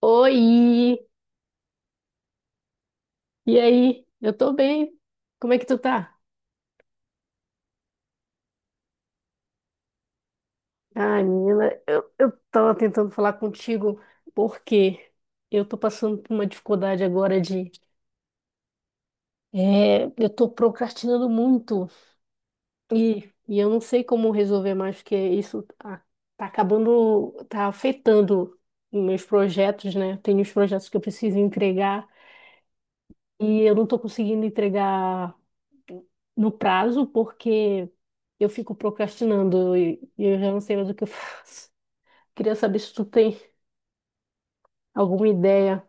Oi! E aí? Eu tô bem. Como é que tu tá? Ai, menina, eu tava tentando falar contigo porque eu tô passando por uma dificuldade agora eu tô procrastinando muito e eu não sei como resolver mais, porque isso tá acabando, tá afetando os meus projetos, né? Tenho os projetos que eu preciso entregar e eu não tô conseguindo entregar no prazo, porque eu fico procrastinando e eu já não sei mais o que eu faço. Queria saber se tu tem alguma ideia.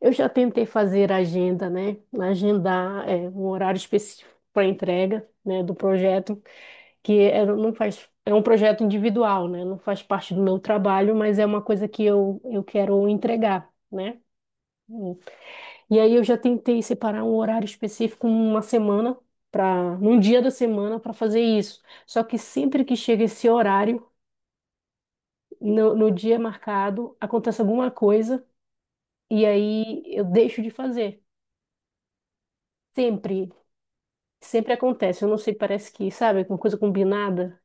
Eu já tentei fazer agenda, né? Agendar um horário específico para entrega, né, do projeto, que é, não faz, é um projeto individual, né? Não faz parte do meu trabalho, mas é uma coisa que eu quero entregar, né? E aí eu já tentei separar um horário específico numa semana para num dia da semana para fazer isso. Só que sempre que chega esse horário, no dia marcado, acontece alguma coisa e aí eu deixo de fazer. Sempre, sempre acontece. Eu não sei, parece que, sabe, alguma coisa combinada.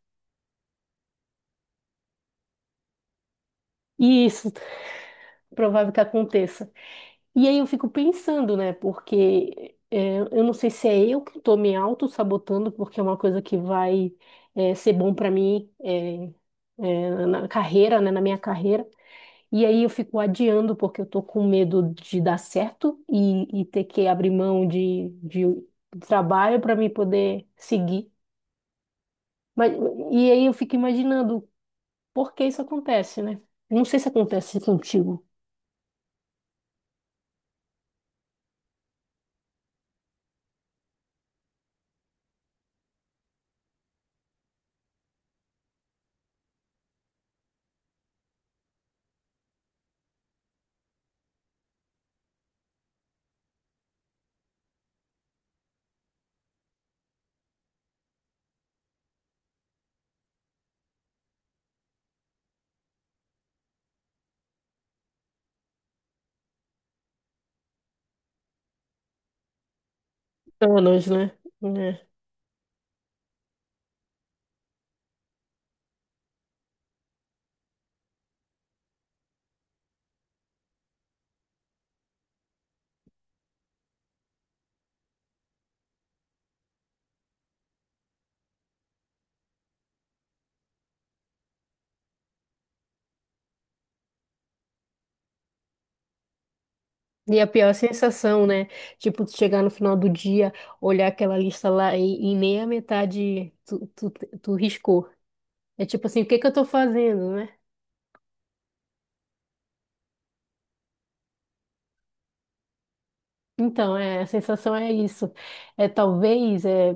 E isso, provável que aconteça. E aí eu fico pensando, né? Porque eu não sei se é eu que estou me auto-sabotando, porque é uma coisa que vai ser bom para mim, na carreira, né? Na minha carreira. E aí eu fico adiando, porque eu tô com medo de dar certo e ter que abrir mão de trabalho para me poder seguir. Mas, e aí eu fico imaginando por que isso acontece, né? Não sei se acontece contigo. Anos, né? É. E a pior sensação, né? Tipo, tu chegar no final do dia, olhar aquela lista lá e nem a metade tu riscou. É tipo assim, o que que eu tô fazendo, né? Então, a sensação é isso. É talvez,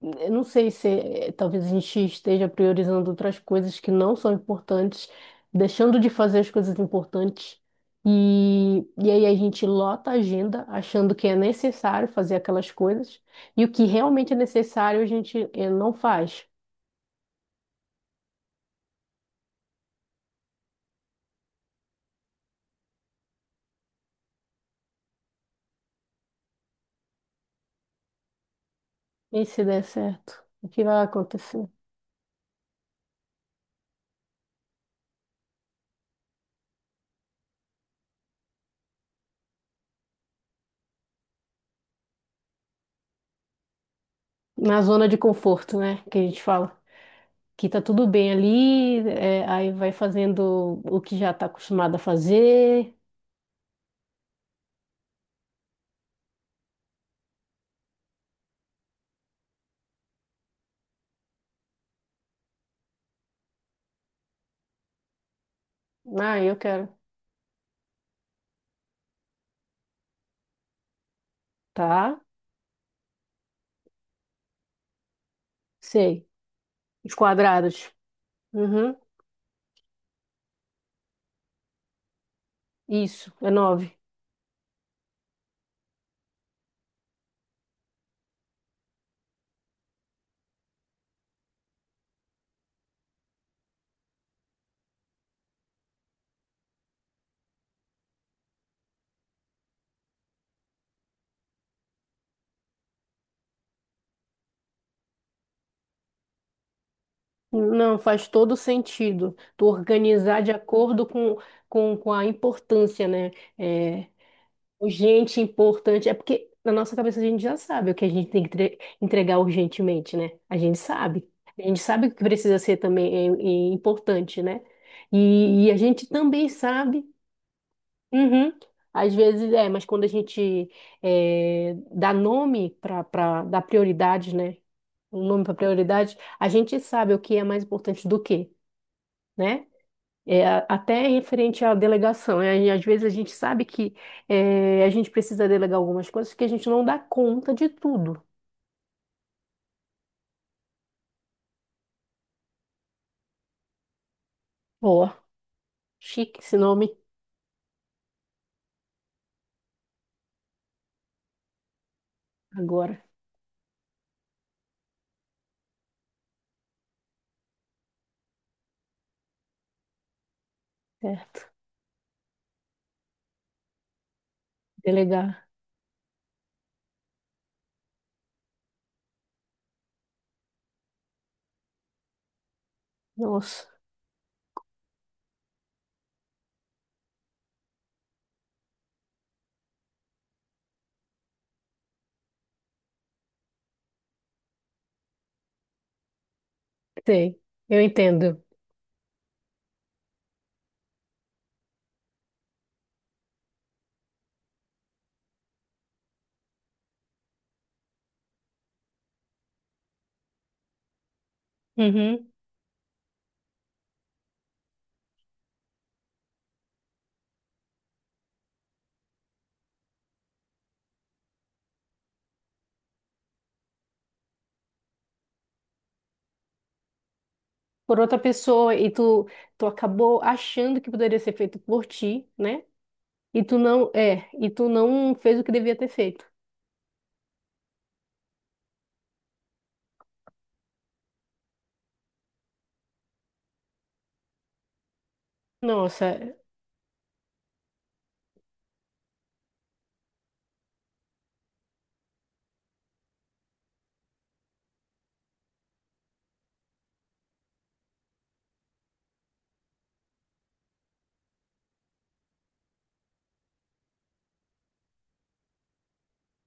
eu não sei se é, talvez a gente esteja priorizando outras coisas que não são importantes, deixando de fazer as coisas importantes. E aí a gente lota a agenda achando que é necessário fazer aquelas coisas, e o que realmente é necessário a gente não faz. E se der certo, o que vai acontecer? Na zona de conforto, né, que a gente fala. Que tá tudo bem ali, aí vai fazendo o que já tá acostumado a fazer. Ah, eu quero. Tá, sei. Os quadrados. Uhum, isso, é nove. Não, faz todo sentido. Tu organizar de acordo com, com a importância, né? Urgente, importante. É porque na nossa cabeça a gente já sabe o que a gente tem que entregar urgentemente, né? A gente sabe. A gente sabe o que precisa ser também é importante, né? E a gente também sabe. Uhum. Às vezes mas quando a gente dá nome para dar prioridade, né? Um nome para prioridade, a gente sabe o que é mais importante do que, né? É, até em frente à delegação, né? E às vezes a gente sabe que a gente precisa delegar algumas coisas que a gente não dá conta de tudo. Ó, chique esse nome agora, certo? Delegar. Nossa, sei. Eu entendo. Uhum. Por outra pessoa, e tu acabou achando que poderia ser feito por ti, né? E tu não fez o que devia ter feito. Nossa,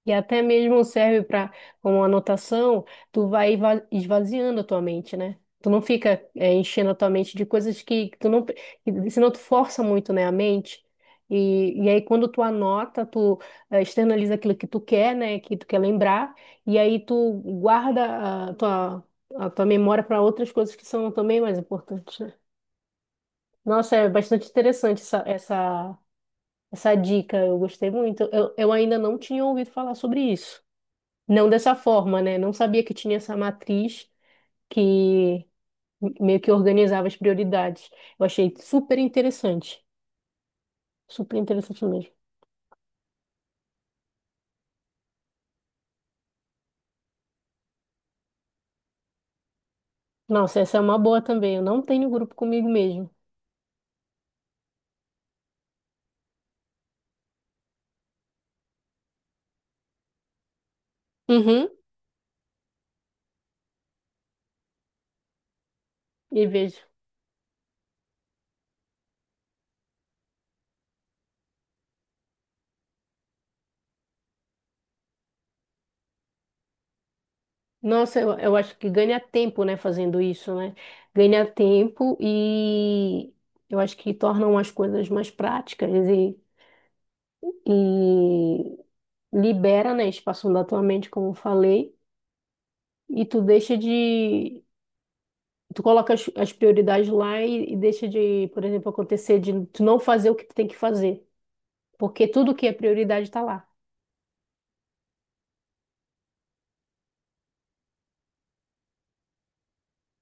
e até mesmo serve para como anotação, tu vai esvaziando a tua mente, né? Tu não fica enchendo a tua mente de coisas que tu não, senão tu força muito, né, a mente. E aí quando tu anota, tu externaliza aquilo que tu quer, né, que tu quer lembrar, e aí tu guarda a tua, memória para outras coisas que são também mais importantes, né? Nossa, é bastante interessante essa, essa dica, eu gostei muito. Eu ainda não tinha ouvido falar sobre isso. Não dessa forma, né? Não sabia que tinha essa matriz que meio que organizava as prioridades. Eu achei super interessante. Super interessante mesmo. Nossa, essa é uma boa também. Eu não tenho grupo comigo mesmo. Uhum, e vejo. Nossa, eu acho que ganha tempo, né, fazendo isso, né? Ganha tempo e eu acho que tornam as coisas mais práticas e libera, né, espaço da tua mente, como eu falei, e tu deixa de, tu coloca as, prioridades lá e deixa de, por exemplo, acontecer de tu não fazer o que tu tem que fazer, porque tudo que é prioridade tá lá.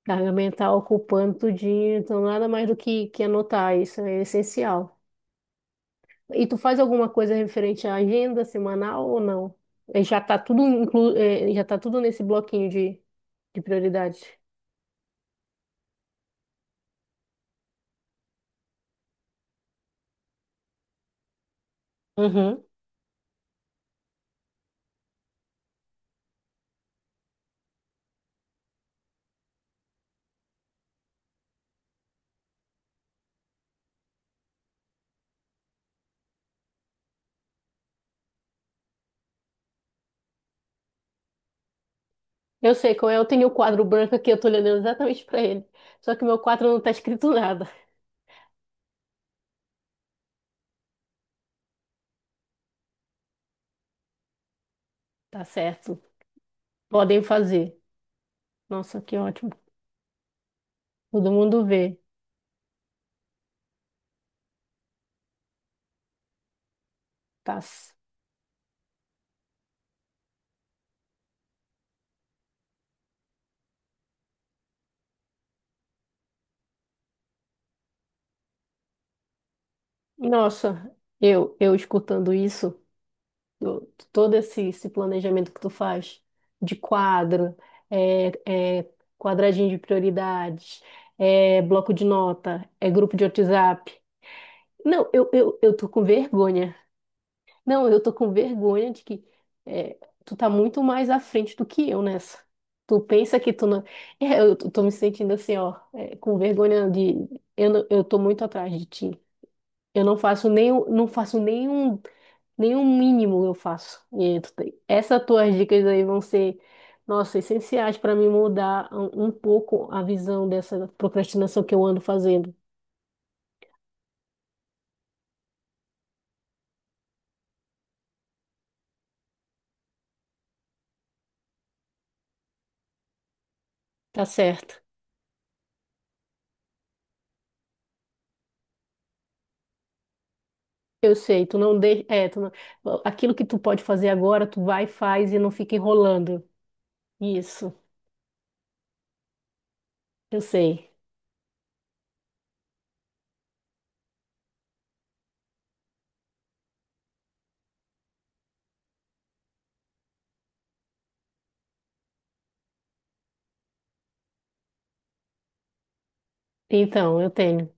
Tá, minha mãe tá ocupando tudinho, então nada mais do que anotar, isso é essencial. E tu faz alguma coisa referente à agenda semanal ou não? Já tá tudo nesse bloquinho de prioridades. Uhum. Eu sei qual é, eu tenho o quadro branco aqui, eu tô olhando exatamente para ele. Só que meu quadro não tá escrito nada. Tá certo. Podem fazer. Nossa, que ótimo. Todo mundo vê. Tá. Nossa, eu escutando isso, todo esse, planejamento que tu faz de quadro, é quadradinho de prioridades, é bloco de nota, é grupo de WhatsApp. Não, eu tô com vergonha. Não, eu tô com vergonha de que é, tu tá muito mais à frente do que eu nessa. Tu pensa que tu não. É, eu tô me sentindo assim, ó, com vergonha de. Eu, não- eu tô muito atrás de ti. Eu não faço nenhum, nenhum mínimo eu faço. E tu essas tuas dicas aí vão ser, nossa, essenciais para me mudar um pouco a visão dessa procrastinação que eu ando fazendo. Tá certo. Eu sei, tu não deixa. É, tu não. Aquilo que tu pode fazer agora, tu vai, faz e não fica enrolando. Isso, eu sei. Então, eu tenho.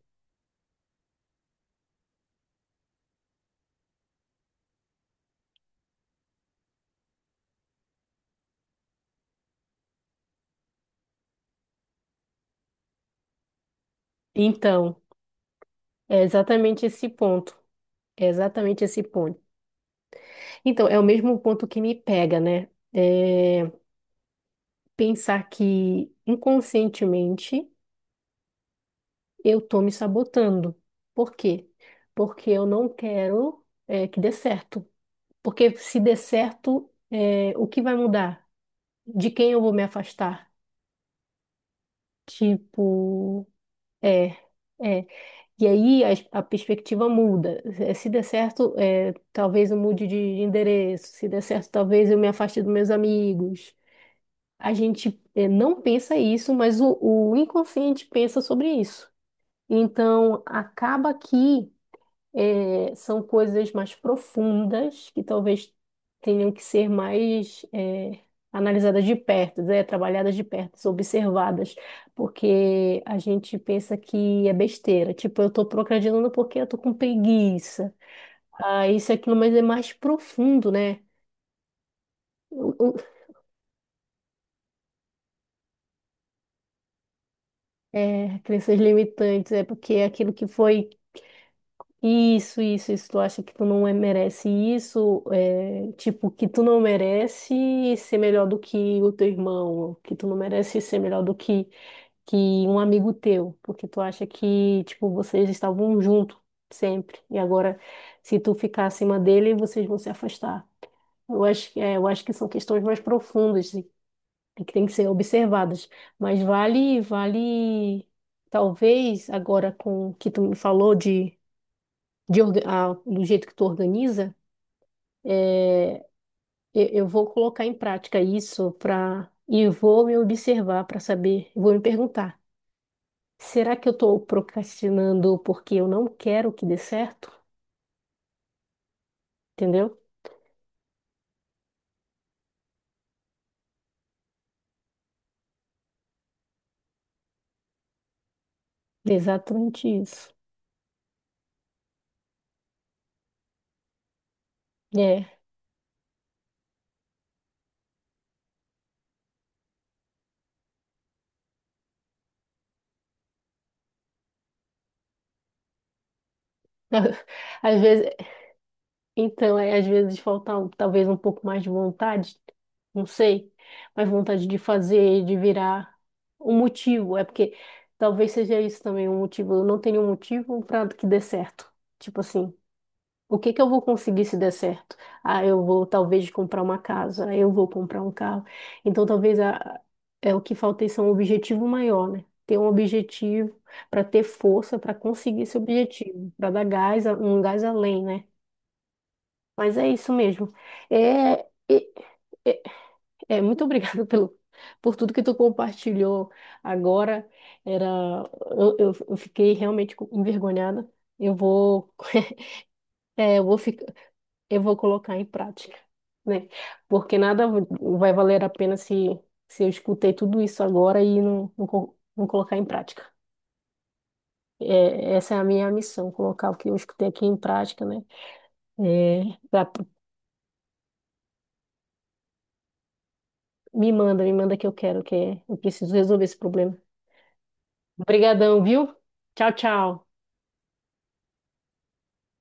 Então, é exatamente esse ponto. É exatamente esse ponto. Então, é o mesmo ponto que me pega, né? É pensar que inconscientemente eu tô me sabotando. Por quê? Porque eu não quero que dê certo. Porque se der certo, o que vai mudar? De quem eu vou me afastar? Tipo, é, é. E aí a perspectiva muda. Se der certo, talvez eu mude de endereço. Se der certo, talvez eu me afaste dos meus amigos. A gente, não pensa isso, mas o, inconsciente pensa sobre isso. Então, acaba que são coisas mais profundas que talvez tenham que ser mais analisadas de perto, né? Trabalhadas de perto, observadas, porque a gente pensa que é besteira, tipo, eu estou procrastinando porque eu estou com preguiça, ah, isso e aquilo, mas é mais profundo, né? O- o- crenças limitantes, é porque é aquilo que foi. Isso, isso, isso. Tu acha que tu não merece isso, tipo, que tu não merece ser melhor do que o teu irmão, que tu não merece ser melhor do que um amigo teu, porque tu acha que, tipo, vocês estavam juntos sempre, e agora, se tu ficar acima dele, vocês vão se afastar. Eu acho que são questões mais profundas e que têm que ser observadas. Mas vale, talvez agora com o que tu me falou de do jeito que tu organiza, é, eu vou colocar em prática isso para e vou me observar para saber, vou me perguntar, será que eu estou procrastinando porque eu não quero que dê certo? Entendeu? É, exatamente isso. É. Às vezes. Então, às vezes falta talvez um pouco mais de vontade, não sei, mas vontade de fazer, de virar um motivo. É porque talvez seja isso também um motivo. Eu não tenho um motivo para que dê certo. Tipo assim, o que que eu vou conseguir se der certo? Ah, eu vou talvez comprar uma casa, eu vou comprar um carro. Então, talvez é o que falta, isso é um objetivo maior, né? Ter um objetivo para ter força para conseguir esse objetivo, para dar gás, um gás além, né? Mas é isso mesmo. É, é, é, é, muito obrigada pelo, por tudo que tu compartilhou agora. Era, eu fiquei realmente envergonhada. Eu vou, é, eu vou ficar, eu vou colocar em prática, né? Porque nada vai valer a pena se eu escutei tudo isso agora e não colocar em prática. É, essa é a minha missão, colocar o que eu escutei aqui em prática, né? É, me manda, que eu quero, que eu preciso resolver esse problema. Obrigadão, viu? Tchau, tchau.